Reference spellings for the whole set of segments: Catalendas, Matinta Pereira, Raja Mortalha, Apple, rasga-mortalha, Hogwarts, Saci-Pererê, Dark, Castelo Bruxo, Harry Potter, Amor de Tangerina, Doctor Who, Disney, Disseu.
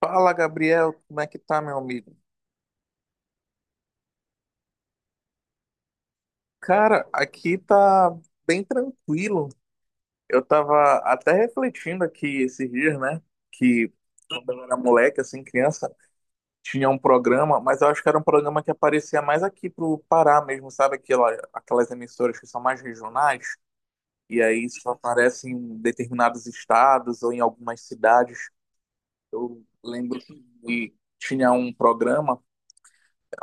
Fala, Gabriel, como é que tá, meu amigo? Cara, aqui tá bem tranquilo. Eu tava até refletindo aqui esses dias, né? Que quando eu era moleque, assim, criança, tinha um programa, mas eu acho que era um programa que aparecia mais aqui pro Pará mesmo, sabe? Aquelas emissoras que são mais regionais, e aí só aparecem em determinados estados ou em algumas cidades. Eu lembro que tinha um programa.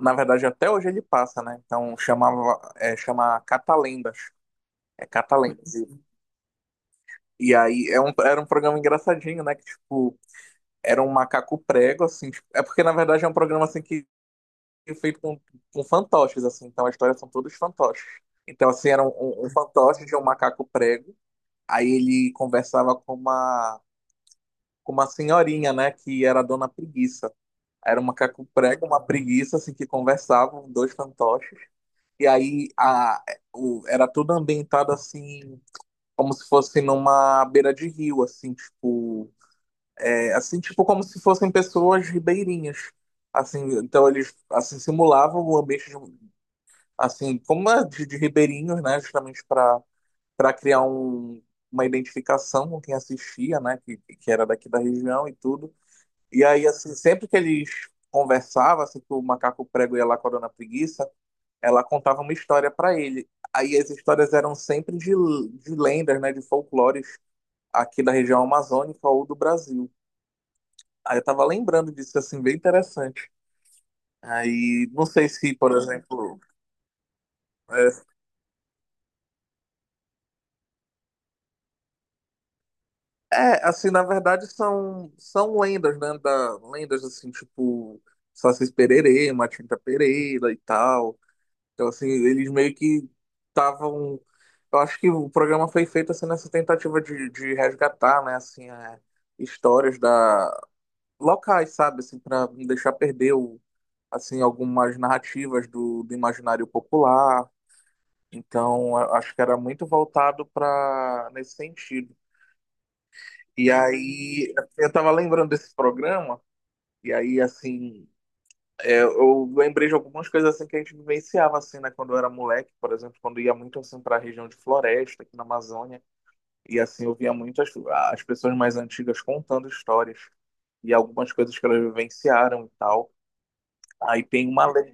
Na verdade, até hoje ele passa, né? Então chamava, chama Catalendas. É Catalendas. E aí é era um programa engraçadinho, né? Que, tipo, era um macaco prego, assim. Tipo, é porque, na verdade, é um programa assim que é feito com fantoches, assim. Então as histórias são todos fantoches. Então, assim, era um fantoche de um macaco prego. Aí ele conversava com uma senhorinha, né? Que era a dona preguiça. Era um macaco prego, uma preguiça, assim, que conversavam, dois fantoches. E aí era tudo ambientado assim, como se fosse numa beira de rio, assim, tipo, é, assim, tipo como se fossem pessoas ribeirinhas. Assim, então eles assim simulavam o ambiente de, um, assim, como é de ribeirinhos, né, justamente para criar um, uma identificação com quem assistia, né, que era daqui da região e tudo. E aí assim, sempre que eles conversavam, assim, que o macaco prego ia lá com a dona preguiça, ela contava uma história para ele. Aí as histórias eram sempre de lendas, né, de folclores aqui da região amazônica ou do Brasil. Aí eu tava lembrando disso, assim, bem interessante. Aí, não sei se, por exemplo, é, é, assim, na verdade são lendas, né, da, lendas assim, tipo Sacis Pererê, Matinta Pereira e tal. Então, assim, eles meio que estavam. Eu acho que o programa foi feito assim, nessa tentativa de resgatar, né, assim, é, histórias da locais, sabe, assim, para não deixar perder o, assim, algumas narrativas do imaginário popular. Então, eu acho que era muito voltado para nesse sentido. E aí, eu tava lembrando desse programa, e aí, assim. É, eu lembrei de algumas coisas assim que a gente vivenciava assim, né, quando eu era moleque, por exemplo, quando eu ia muito assim para a região de floresta aqui na Amazônia, e assim eu via muitas as pessoas mais antigas contando histórias e algumas coisas que elas vivenciaram e tal. Aí tem uma lenda,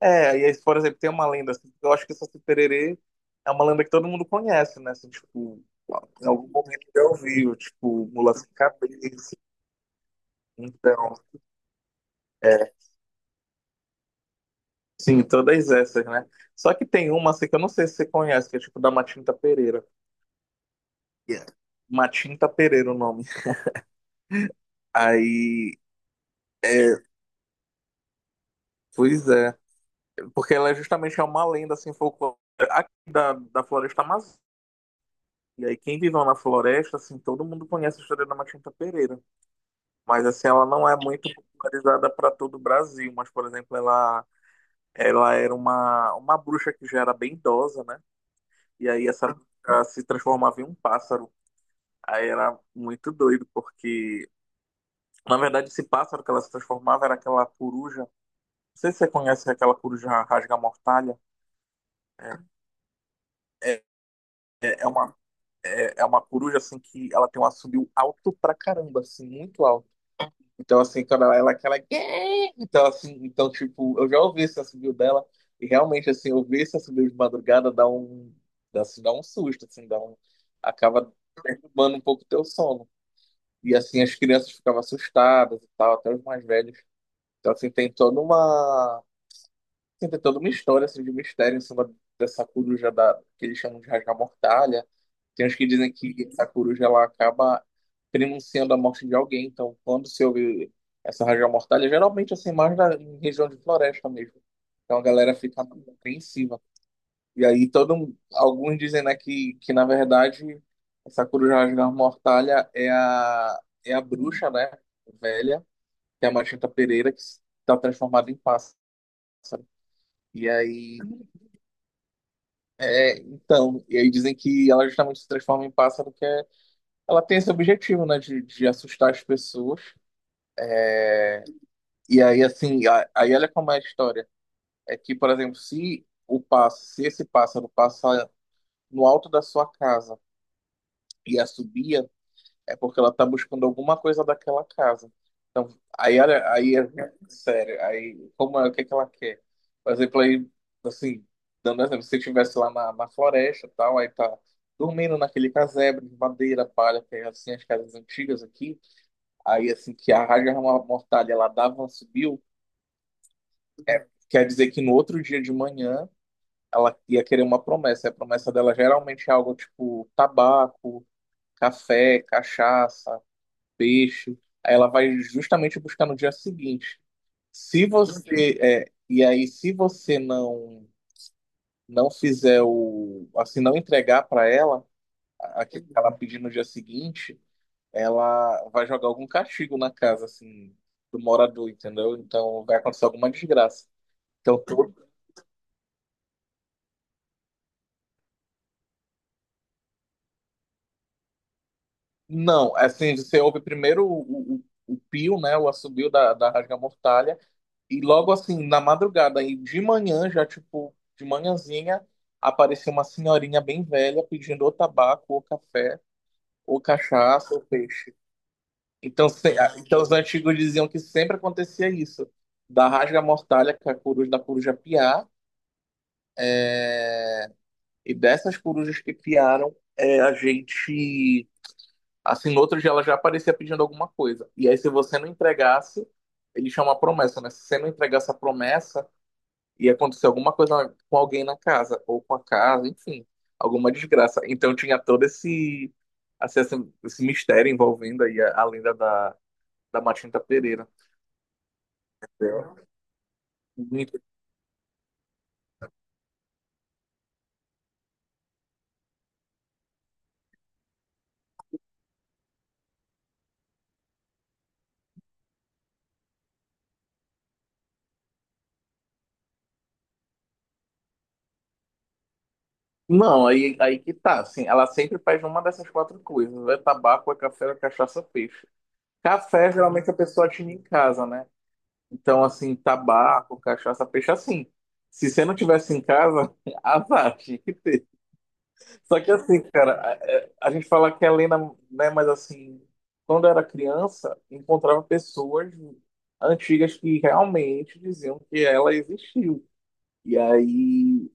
é, e aí, por exemplo, tem uma lenda assim, que eu acho que essa Saci-Pererê é uma lenda que todo mundo conhece, né, assim, tipo, em algum momento já ouviu, tipo, mula sem cabeça. Então, é, sim, todas essas, né? Só que tem uma assim, que eu não sei se você conhece, que é tipo da Matinta Pereira. Yeah. Matinta Pereira o nome. Aí, é, pois é. Porque ela é justamente é uma lenda, assim, folclórica aqui da floresta amazônica. E aí, quem viveu na floresta, assim, todo mundo conhece a história da Matinta Pereira. Mas, assim, ela não é muito popularizada para todo o Brasil. Mas, por exemplo, ela era uma bruxa que já era bem idosa, né? E aí, essa bruxa se transformava em um pássaro. Aí era muito doido, porque na verdade esse pássaro que ela se transformava era aquela coruja. Não sei se você conhece aquela coruja rasga-mortalha. É, é uma, é uma coruja assim que ela tem um assobio alto pra caramba, assim, muito alto. Então, assim, quando ela é aquela. Então, assim, então, tipo, eu já ouvi esse assobio dela, e realmente, assim, ouvir esse assobio de madrugada dá um. Dá, assim, dá um susto, assim, dá um. Acaba perturbando um pouco o teu sono. E assim, as crianças ficavam assustadas e tal, até os mais velhos. Então, assim, tem toda uma. Assim, tem toda uma história assim, de mistério em cima dessa coruja da... que eles chamam de Raja Mortalha. Tem uns que dizem que essa coruja ela acaba prenunciando a morte de alguém. Então, quando se ouve essa Raja Mortalha, geralmente assim, mais na... em região de floresta mesmo. Então a galera fica apreensiva. E aí todo um- alguns dizem, né, que na verdade essa coruja Raja Mortalha é a bruxa, né, velha, que é a Machita Pereira que está transformada em pássaro. E aí, é, então, e aí dizem que ela justamente se transforma em pássaro, que é, ela tem esse objetivo, né, de assustar as pessoas. E aí, assim, a- aí olha como é a história. É que, por exemplo, se o pássaro, se esse pássaro passar no alto da sua casa e a subia é porque ela tá buscando alguma coisa daquela casa. Então, aí, olha, aí, é sério, aí, como é, o que que ela quer? Por exemplo, aí, assim, dando um exemplo, se estivesse lá na floresta e tal, aí tá dormindo naquele casebre de madeira, palha, que é assim, as casas antigas aqui, aí, assim, que a rádio mortalha, ela dava, ela subiu, quer dizer que no outro dia de manhã, ela ia querer uma promessa, e a promessa dela geralmente é algo tipo tabaco, café, cachaça, peixe. Aí ela vai justamente buscar no dia seguinte. Se você é, e aí se você não fizer o assim não entregar para ela aquilo que ela pedir no dia seguinte, ela vai jogar algum castigo na casa assim do morador, entendeu? Então vai acontecer alguma desgraça. Então todo... não, assim você ouve primeiro o pio, né, o assobio da rasga-mortalha. E logo assim, na madrugada, aí de manhã, já tipo, de manhãzinha, apareceu uma senhorinha bem velha pedindo ou tabaco, ou café, ou cachaça, ou peixe. Então, se- a- então os antigos diziam que sempre acontecia isso, da rasga-mortalha, que é a coruja da coruja piar, e dessas corujas que piaram, é, a gente, assim, no outro dia ela já aparecia pedindo alguma coisa. E aí, se você não entregasse, eles chamam a promessa, né? Se você não entregasse a promessa, e aconteceu alguma coisa com alguém na casa, ou com a casa, enfim, alguma desgraça. Então tinha todo esse, assim, esse mistério envolvendo aí a lenda da Matinta Pereira. Entendeu? Muito- não, aí, aí que tá, assim, ela sempre faz uma dessas quatro coisas, ou é tabaco, é café, ou é cachaça, peixe. Café, geralmente a pessoa tinha em casa, né? Então, assim, tabaco, cachaça, peixe, assim, se você não tivesse em casa, azar, tinha que ter. Só que assim, cara, é- a gente fala que é lenda, né? Mas assim, quando eu era criança, encontrava pessoas antigas que realmente diziam que ela existiu. E aí,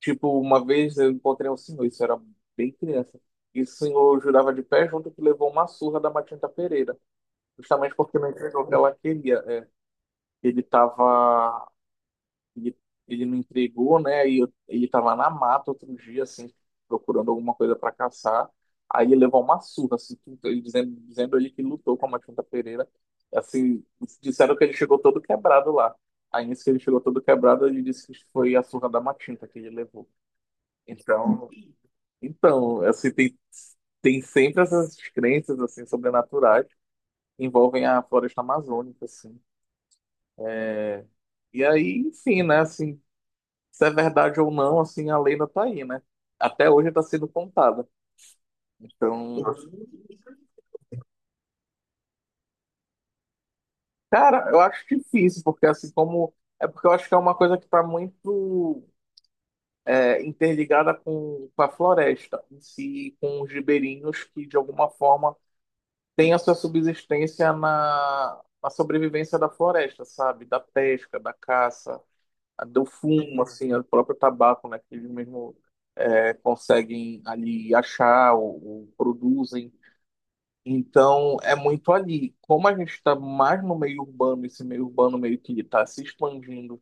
tipo, uma vez eu encontrei um senhor, isso era bem criança. E o senhor jurava de pé junto que levou uma surra da Matinta Pereira, justamente porque não entregou o que ela queria. É, ele estava ele, ele não entregou, né? E eu- ele tava na mata outro dia, assim, procurando alguma coisa para caçar. Aí ele levou uma surra, assim, que- ele dizendo ele que lutou com a Matilda Pereira. Assim, disseram que ele chegou todo quebrado lá. Aí, nisso que ele chegou todo quebrado, ele disse que foi a surra da Matilda que ele levou. Então, então, assim, tem sempre essas crenças, assim, sobrenaturais que envolvem a floresta amazônica, assim. E aí, enfim, né, assim, se é verdade ou não, assim, a lenda tá aí, né? Até hoje tá sendo contada. Então, cara, eu acho difícil, porque assim como. É porque eu acho que é uma coisa que tá muito é, interligada com a floresta em si, com os ribeirinhos que, de alguma forma, têm a sua subsistência na sobrevivência da floresta, sabe? Da pesca, da caça, a- do fumo, assim, o próprio tabaco, né? Que eles mesmo é, conseguem ali achar ou produzem. Então, é muito ali. Como a gente está mais no meio urbano, esse meio urbano meio que está se expandindo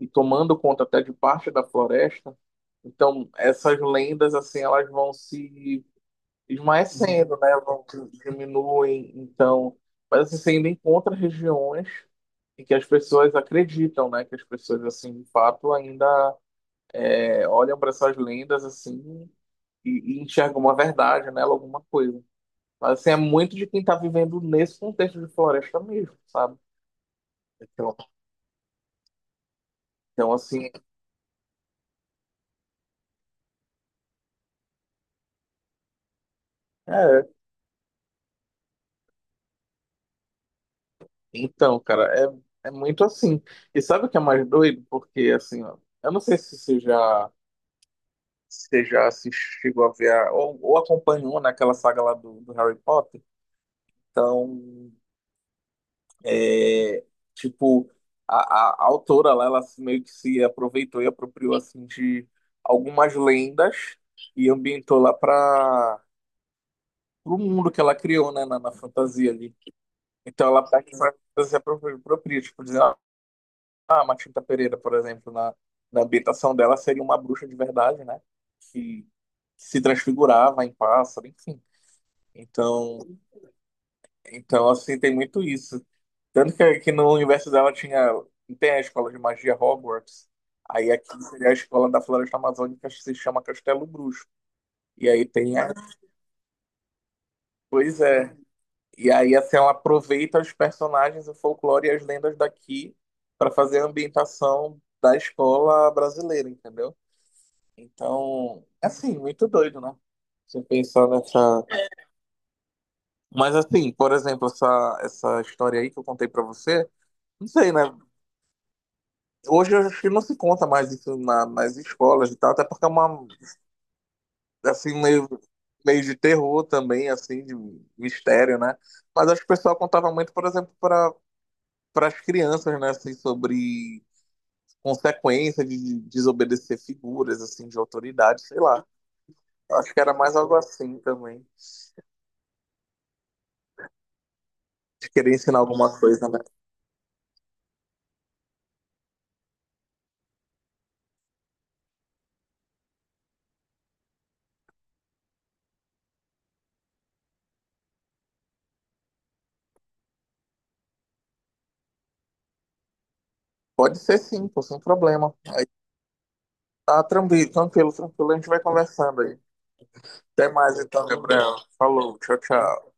e tomando conta até de parte da floresta, então essas lendas, assim, elas vão se esmaecendo, né? Vão se- diminuem, então... Mas, assim, você ainda encontra regiões em que as pessoas acreditam, né? Que as pessoas, assim, de fato, ainda é, olham para essas lendas, assim, e enxergam uma verdade nela, alguma coisa. Mas assim, é muito de quem tá vivendo nesse contexto de floresta mesmo, sabe? Então, então assim, é. Então, cara, é, é muito assim. E sabe o que é mais doido? Porque, assim, ó, eu não sei se você já, se você já assistiu, chegou a ver, a- ou acompanhou naquela saga lá do Harry Potter. Então, é, tipo, a autora lá, ela se- meio que se aproveitou e apropriou, assim, de algumas lendas e ambientou lá pra pro mundo que ela criou, né, na fantasia ali. Então ela pega essa fantasia própria, tipo, dizer, ah, a Matilda Pereira, por exemplo, na, na ambientação dela seria uma bruxa de verdade, né, que se transfigurava em pássaro, enfim. Então, então assim, tem muito isso. Tanto que no universo dela tinha, tem a escola de magia Hogwarts, aí aqui seria a escola da Floresta Amazônica, que se chama Castelo Bruxo. E aí tem a... Pois é. E aí, assim, ela aproveita os personagens, o folclore e as lendas daqui para fazer a ambientação da escola brasileira, entendeu? Então, é assim, muito doido, né? Você pensar nessa. Mas, assim, por exemplo, essa história aí que eu contei para você, não sei, né? Hoje eu acho que não se conta mais isso na- nas escolas e tal, até porque é uma, assim, meio, meio de terror também, assim, de mistério, né? Mas acho que o pessoal contava muito, por exemplo, para as crianças, né, assim, sobre consequência de desobedecer figuras, assim, de autoridade, sei lá. Acho que era mais algo assim também, de querer ensinar alguma coisa, né? Pode ser sim, pô, sem problema. Aí tá tranquilo, a gente vai conversando aí. Até mais então, Gabriel. Falou, tchau, tchau.